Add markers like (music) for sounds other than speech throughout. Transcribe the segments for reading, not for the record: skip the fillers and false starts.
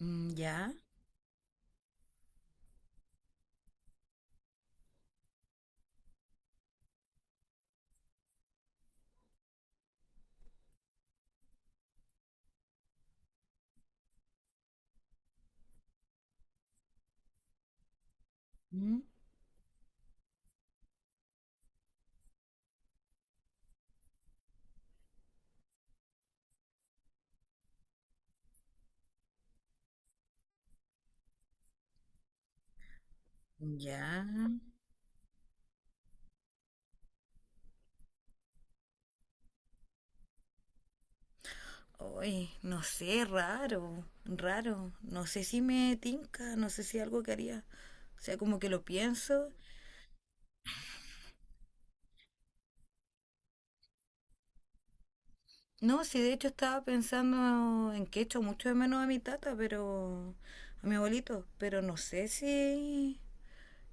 Mm, ¿ya? Mm. Ya. Oye, no sé, raro, raro. No sé si me tinca, no sé si algo que haría. O sea, como que lo pienso. No, sí, de hecho estaba pensando en que echo mucho de menos a mi tata, pero a mi abuelito, pero no sé si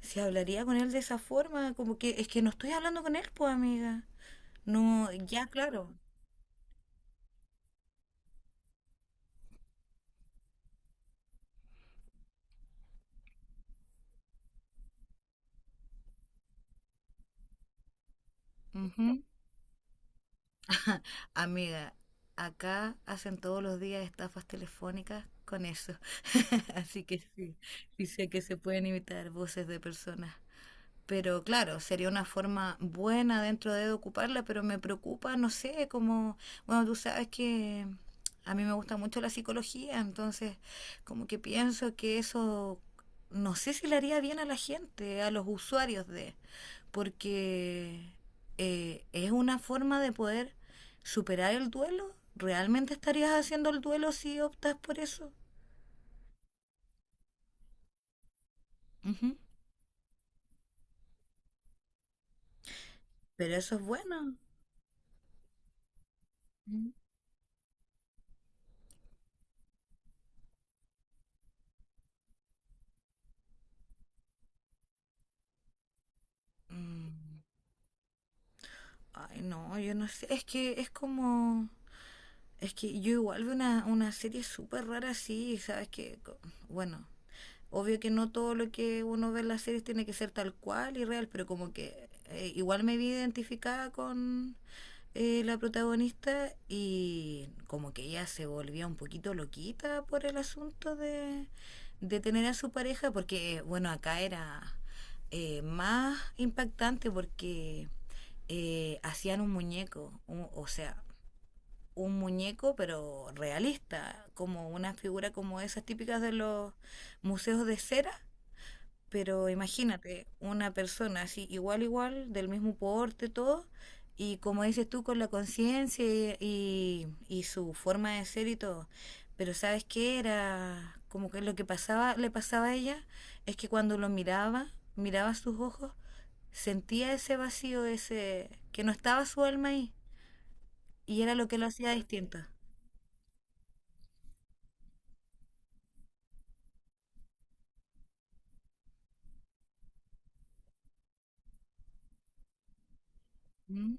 si hablaría con él de esa forma. Como que es que no estoy hablando con él, pues, amiga. No, ya, claro. Ujú. (laughs) Amiga, acá hacen todos los días estafas telefónicas con eso. (laughs) Así que sí, dice que se pueden imitar voces de personas. Pero claro, sería una forma buena dentro de ocuparla, pero me preocupa, no sé, como, bueno, tú sabes que a mí me gusta mucho la psicología, entonces como que pienso que eso, no sé si le haría bien a la gente, a los usuarios de, porque es una forma de poder superar el duelo. ¿Realmente estarías haciendo el duelo si optas por eso? Ujú. Pero eso es bueno. Ujú. Mm. Ay, no, yo no sé. Es que es como. Es que yo igual veo una serie súper rara así, ¿sabes? Bueno, Obvio que no todo lo que uno ve en las series tiene que ser tal cual y real, pero como que igual me vi identificada con la protagonista y como que ella se volvía un poquito loquita por el asunto de tener a su pareja, porque bueno, acá era más impactante porque hacían un muñeco, o sea, un muñeco, pero realista, como una figura como esas típicas de los museos de cera. Pero imagínate, una persona así, igual, igual, del mismo porte, todo, y como dices tú, con la conciencia y su forma de ser y todo. Pero ¿sabes qué era? Como que lo que pasaba, le pasaba a ella es que cuando lo miraba, miraba sus ojos, sentía ese vacío, ese que no estaba su alma ahí. Y era lo que lo hacía distinto. ¿Mm?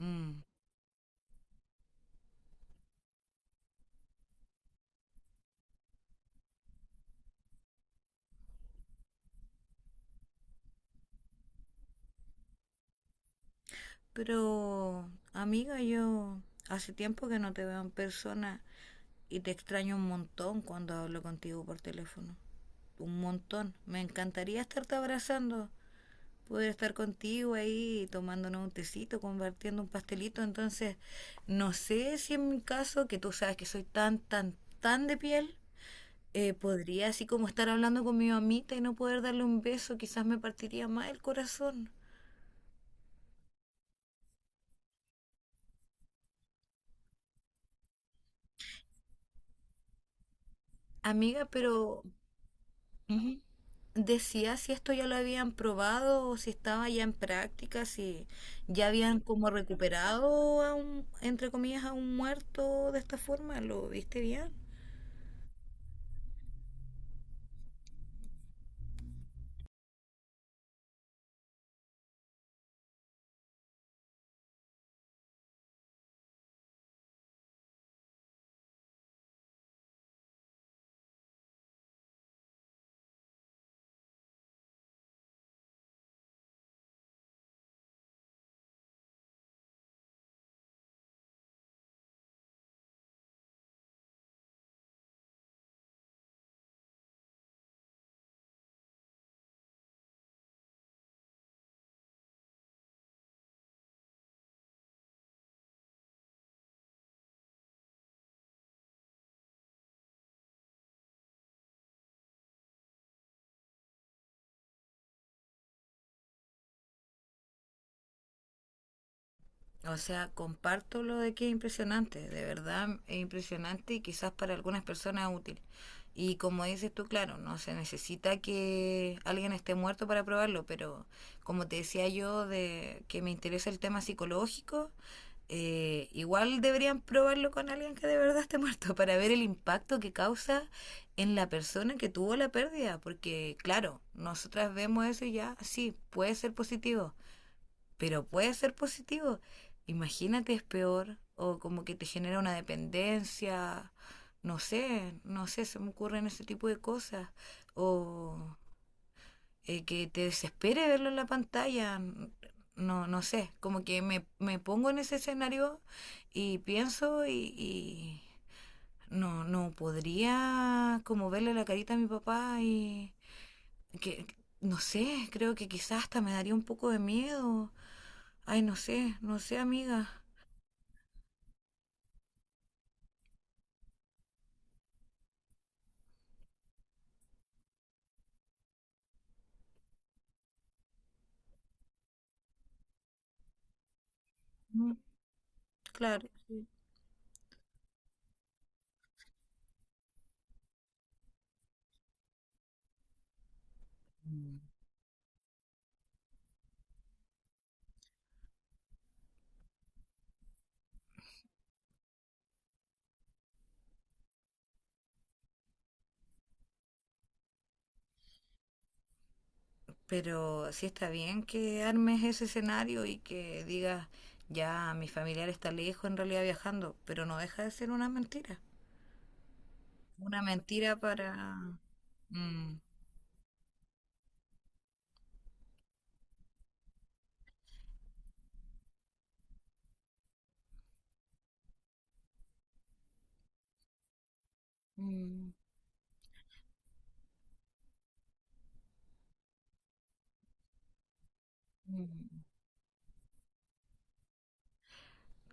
Mm. Pero, amiga, yo hace tiempo que no te veo en persona y te extraño un montón cuando hablo contigo por teléfono. Un montón. Me encantaría estarte abrazando, poder estar contigo ahí tomándonos un tecito, compartiendo un pastelito. Entonces, no sé si en mi caso, que tú sabes que soy tan, tan, tan de piel, podría así como estar hablando con mi mamita y no poder darle un beso, quizás me partiría más el corazón. Amiga, pero Ujú. Decía si esto ya lo habían probado o si estaba ya en práctica, si ya habían como recuperado a un, entre comillas, a un muerto de esta forma. ¿Lo viste bien? O sea, comparto lo de que es impresionante, de verdad es impresionante y quizás para algunas personas es útil. Y como dices tú, claro, no se necesita que alguien esté muerto para probarlo, pero como te decía yo, de que me interesa el tema psicológico, igual deberían probarlo con alguien que de verdad esté (laughs) muerto para ver el impacto que causa en la persona que tuvo la pérdida, porque claro, nosotras vemos eso y ya, sí, puede ser positivo, pero puede ser positivo. Imagínate es peor o como que te genera una dependencia, no sé, no sé, se me ocurren ese tipo de cosas o que te desespere verlo en la pantalla, no, no sé, como que me pongo en ese escenario y pienso y no, no podría como verle la carita a mi papá y que, no sé, creo que quizás hasta me daría un poco de miedo. Ay, no sé, no sé, amiga. Mm. Claro. Sí. Mm. Pero sí está bien que armes ese escenario y que digas, ya, mi familiar está lejos en realidad viajando, pero no deja de ser una mentira. Una mentira para... Mm. Mm. Mm.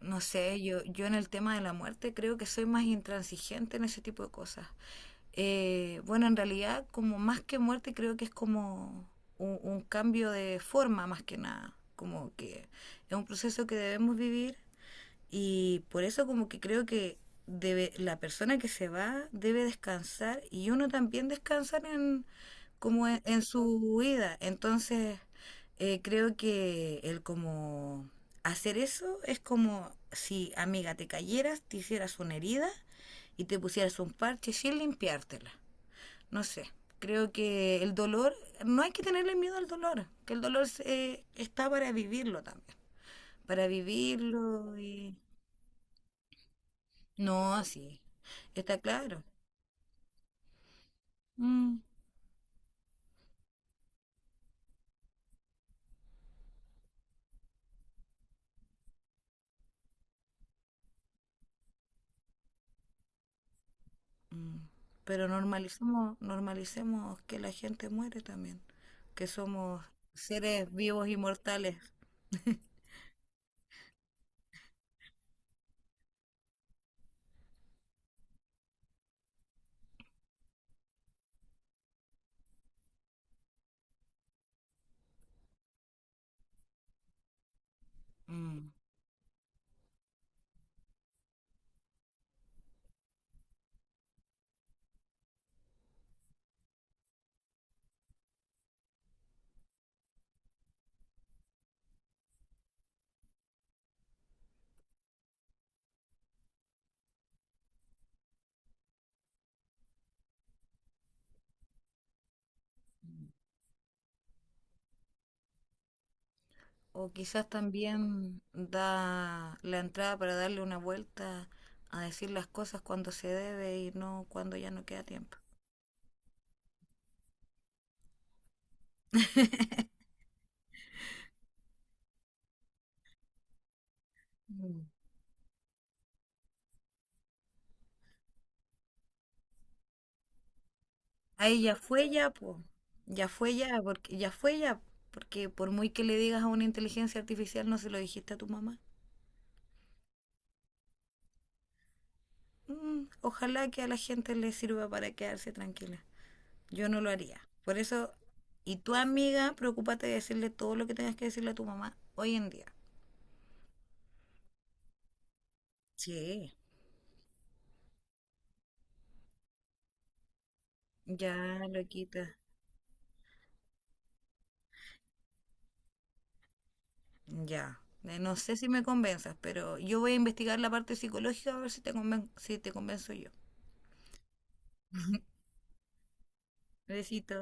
No sé, yo en el tema de la muerte creo que soy más intransigente en ese tipo de cosas. Bueno, en realidad, como más que muerte, creo que es como un cambio de forma más que nada. Como que es un proceso que debemos vivir y por eso como que creo que debe, la persona que se va debe descansar y uno también descansar en, como en su vida. Entonces, creo que el como hacer eso es como si, amiga, te cayeras, te hicieras una herida y te pusieras un parche sin limpiártela. No sé, creo que el dolor, no hay que tenerle miedo al dolor, que está para vivirlo también, para vivirlo no, sí, está claro. Mm. Mm. Pero normalicemos, normalicemos que la gente muere también, que somos seres vivos y mortales. (laughs) Mm. O quizás también da la entrada para darle una vuelta a decir las cosas cuando se debe y no cuando ya no queda tiempo. (laughs) Mm. Ahí ya fue ya, po. Ya fue ya, porque ya fue ya, porque por muy que le digas a una inteligencia artificial no se lo dijiste a tu mamá. Mm, ojalá que a la gente le sirva para quedarse tranquila. Yo no lo haría. Por eso, y tu amiga, preocúpate de decirle todo lo que tengas que decirle a tu mamá hoy en día. Sí, ya lo quitas. Ya. No sé si me convenzas, pero yo voy a investigar la parte psicológica a ver si si te convenzo yo. Besito.